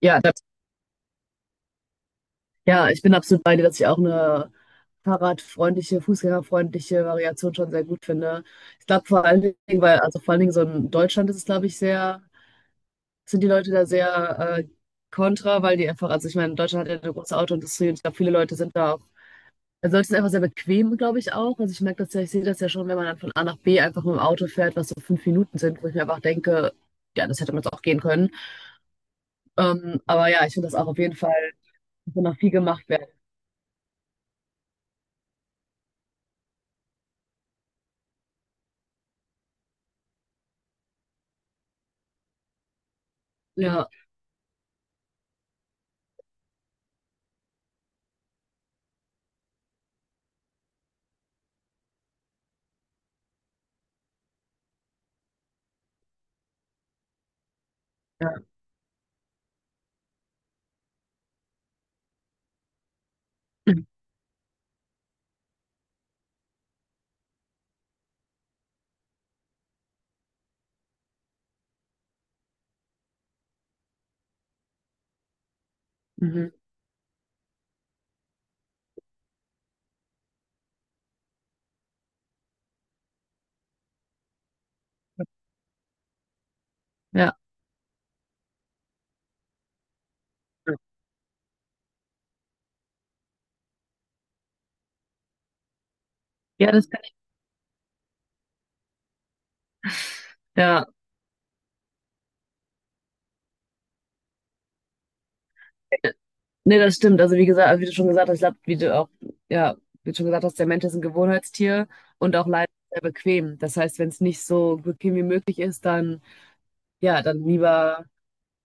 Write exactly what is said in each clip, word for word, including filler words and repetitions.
Ja, das, ja, ich bin absolut bei dir, dass ich auch eine fahrradfreundliche, fußgängerfreundliche Variation schon sehr gut finde. Ich glaube vor allen Dingen, weil, also vor allen Dingen so in Deutschland ist es, glaube ich, sehr, sind die Leute da sehr äh, kontra, weil die einfach, also ich meine, Deutschland hat ja eine große Autoindustrie und ich glaube, viele Leute sind da auch, also Leute sind einfach sehr bequem, glaube ich, auch. Also ich merke das ja, ich sehe das ja schon, wenn man dann von A nach B einfach mit dem Auto fährt, was so fünf Minuten sind, wo ich mir einfach denke, ja, das hätte man jetzt auch gehen können. Ähm, aber ja, ich finde das auch auf jeden Fall, wo noch viel gemacht werden. Ja, ja. Mhm. Ja. Ja. Ja, das kann ich. Ja. Nee, das stimmt. Also wie gesagt, also wie du schon gesagt hast, ich glaube, wie du auch, ja, wie du schon gesagt hast, der Mensch ist ein Gewohnheitstier und auch leider sehr bequem. Das heißt, wenn es nicht so bequem wie möglich ist, dann, ja, dann lieber,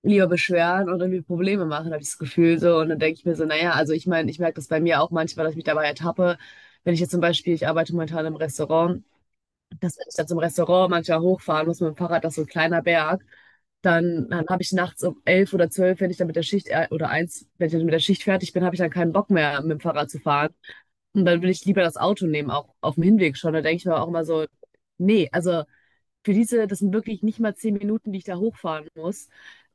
lieber beschweren und irgendwie Probleme machen, habe ich das Gefühl so. Und dann denke ich mir so, naja, also ich meine, ich merke das bei mir auch manchmal, dass ich mich dabei ertappe. Wenn ich jetzt zum Beispiel, ich arbeite momentan im Restaurant, das ist dann zum Restaurant, manchmal hochfahren muss mit dem Fahrrad, das ist so ein kleiner Berg. Dann, dann habe ich nachts um elf oder zwölf, wenn ich dann mit der Schicht äh, oder eins, wenn ich dann mit der Schicht fertig bin, habe ich dann keinen Bock mehr, mit dem Fahrrad zu fahren. Und dann will ich lieber das Auto nehmen, auch auf dem Hinweg schon. Da denke ich mir auch immer so, nee, also für diese, das sind wirklich nicht mal zehn Minuten, die ich da hochfahren muss,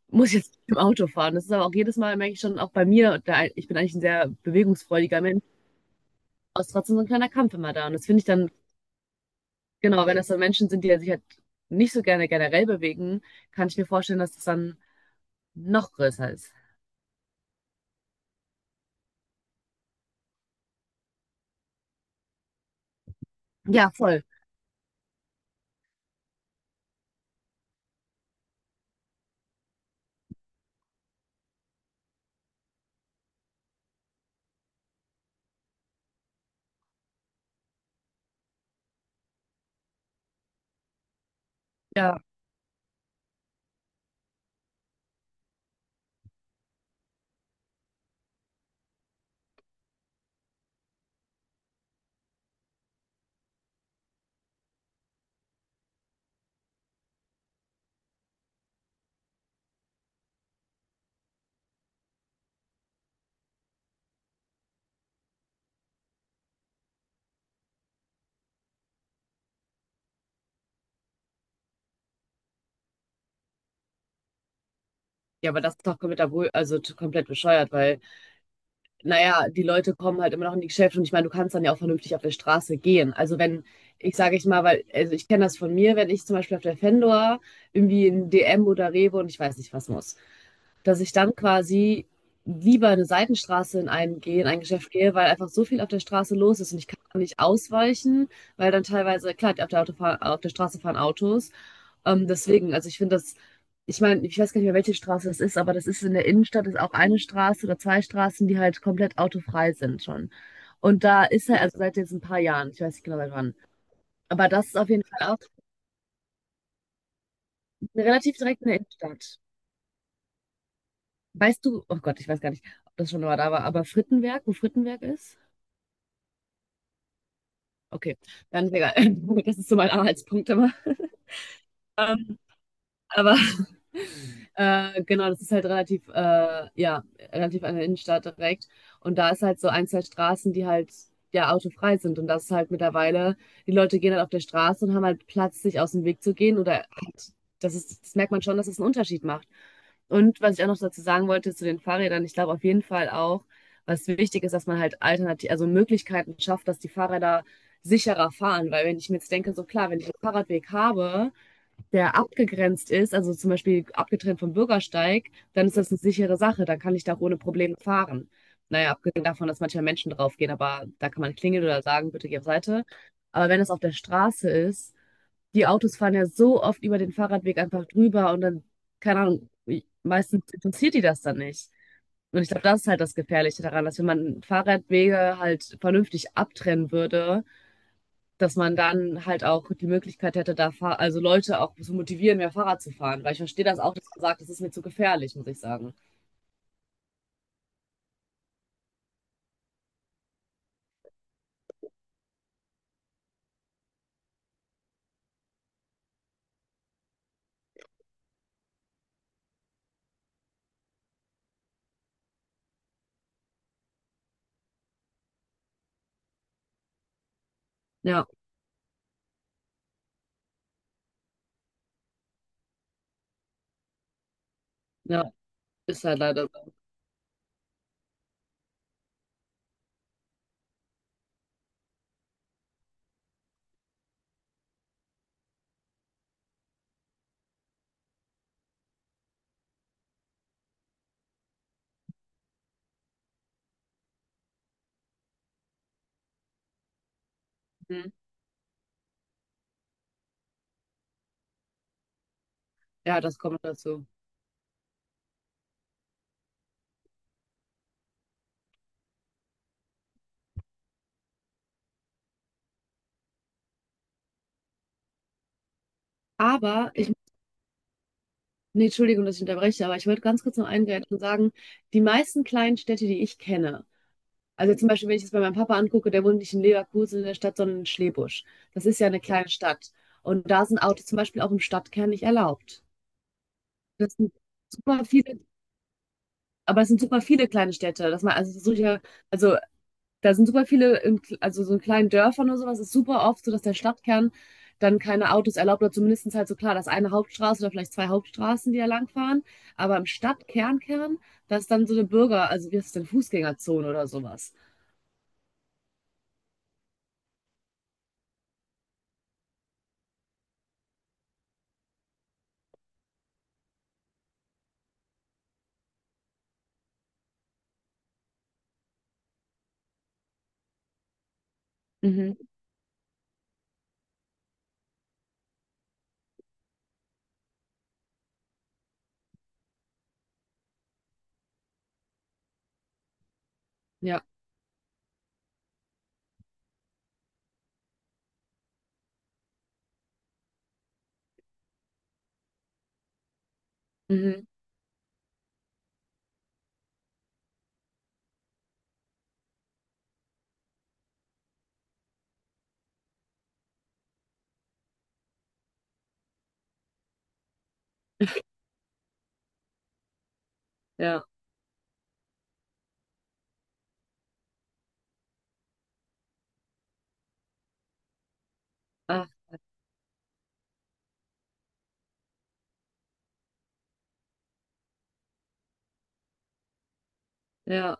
muss ich jetzt mit dem Auto fahren. Das ist aber auch jedes Mal, merke ich schon, auch bei mir, da, ich bin eigentlich ein sehr bewegungsfreudiger Mensch, aber es ist trotzdem so ein kleiner Kampf immer da. Und das finde ich dann genau, wenn das dann Menschen sind, die ja sich halt nicht so gerne generell bewegen, kann ich mir vorstellen, dass das dann noch größer ist. Ja, voll. Ja. Ja, aber das ist doch komplett, abru- also t- komplett bescheuert, weil, naja, die Leute kommen halt immer noch in die Geschäfte und ich meine, du kannst dann ja auch vernünftig auf der Straße gehen. Also wenn, ich sage ich mal, weil, also ich kenne das von mir, wenn ich zum Beispiel auf der Fendor irgendwie in D M oder Rewe und ich weiß nicht was muss, dass ich dann quasi lieber eine Seitenstraße in einen gehe, in ein Geschäft gehe, weil einfach so viel auf der Straße los ist und ich kann nicht ausweichen, weil dann teilweise, klar, auf der, Autofahr auf der Straße fahren Autos. Ähm, deswegen, also ich finde das, ich meine, ich weiß gar nicht mehr, welche Straße das ist, aber das ist in der Innenstadt, ist auch eine Straße oder zwei Straßen, die halt komplett autofrei sind schon. Und da ist er, also seit jetzt ein paar Jahren, ich weiß nicht genau seit wann. Aber das ist auf jeden Fall auch relativ direkt in der Innenstadt. Weißt du, oh Gott, ich weiß gar nicht, ob das schon mal da war, aber Frittenwerk, wo Frittenwerk ist? Okay, dann ist egal. Das ist so mein Anhaltspunkt immer. Aber äh, genau, das ist halt relativ, äh, ja, relativ an der Innenstadt direkt. Und da ist halt so ein, zwei Straßen, die halt ja autofrei sind. Und das ist halt mittlerweile, die Leute gehen halt auf der Straße und haben halt Platz, sich aus dem Weg zu gehen. Oder halt, das ist, das merkt man schon, dass es einen Unterschied macht. Und was ich auch noch dazu sagen wollte zu den Fahrrädern, ich glaube auf jeden Fall auch, was wichtig ist, dass man halt alternativ, also Möglichkeiten schafft, dass die Fahrräder sicherer fahren. Weil wenn ich mir jetzt denke, so klar, wenn ich einen Fahrradweg habe, der abgegrenzt ist, also zum Beispiel abgetrennt vom Bürgersteig, dann ist das eine sichere Sache. Dann kann ich da ohne Probleme fahren. Naja, abgesehen davon, dass manchmal Menschen draufgehen, aber da kann man klingeln oder sagen, bitte geh auf Seite. Aber wenn das auf der Straße ist, die Autos fahren ja so oft über den Fahrradweg einfach drüber und dann, keine Ahnung, meistens interessiert die das dann nicht. Und ich glaube, das ist halt das Gefährliche daran, dass wenn man Fahrradwege halt vernünftig abtrennen würde, dass man dann halt auch die Möglichkeit hätte, da Fahr also Leute auch zu motivieren, mehr Fahrrad zu fahren. Weil ich verstehe das auch, dass man sagt, das ist mir zu gefährlich, muss ich sagen. Ja, ja, ist halt leider so. Mhm. Ja, das kommt dazu. Aber ich, nee, Entschuldigung, dass ich unterbreche, aber ich wollte ganz kurz noch eingreifen und sagen, die meisten kleinen Städte, die ich kenne, also zum Beispiel, wenn ich das bei meinem Papa angucke, der wohnt nicht in Leverkusen in der Stadt, sondern in Schlebusch. Das ist ja eine kleine Stadt. Und da sind Autos zum Beispiel auch im Stadtkern nicht erlaubt. Das sind super viele. Aber es sind super viele kleine Städte, dass man, also es so ja, also da sind super viele, in, also so in kleinen Dörfern oder sowas, ist super oft so, dass der Stadtkern dann keine Autos erlaubt oder zumindest halt so klar, dass eine Hauptstraße oder vielleicht zwei Hauptstraßen, die da langfahren. Aber im Stadtkernkern, da ist dann so eine Bürger, also wie ist es denn, Fußgängerzone oder sowas. Mhm. Ja, mhm. Ja, ach, ja.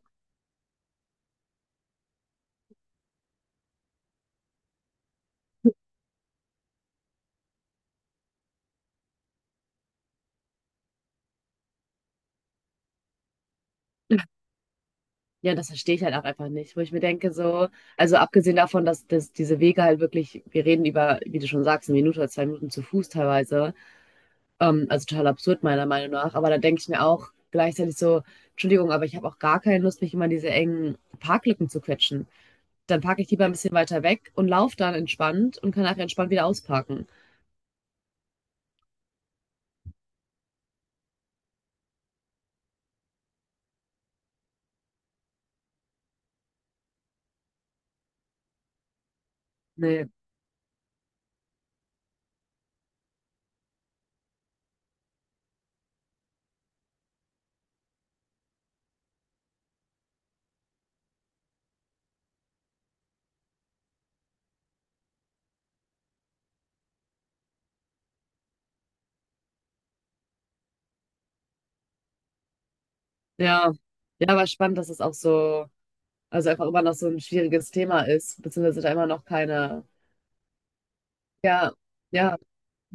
Ja, das verstehe ich halt auch einfach nicht, wo ich mir denke, so, also abgesehen davon, dass, dass diese Wege halt wirklich, wir reden über, wie du schon sagst, eine Minute oder zwei Minuten zu Fuß teilweise, Ähm, also total absurd, meiner Meinung nach. Aber da denke ich mir auch gleichzeitig so, Entschuldigung, aber ich habe auch gar keine Lust, mich immer in diese engen Parklücken zu quetschen. Dann parke ich lieber ein bisschen weiter weg und laufe dann entspannt und kann nachher entspannt wieder ausparken. Nee. Ja. Ja, aber spannend, dass es auch so, also einfach immer noch so ein schwieriges Thema ist, beziehungsweise da immer noch keine, ja, ja.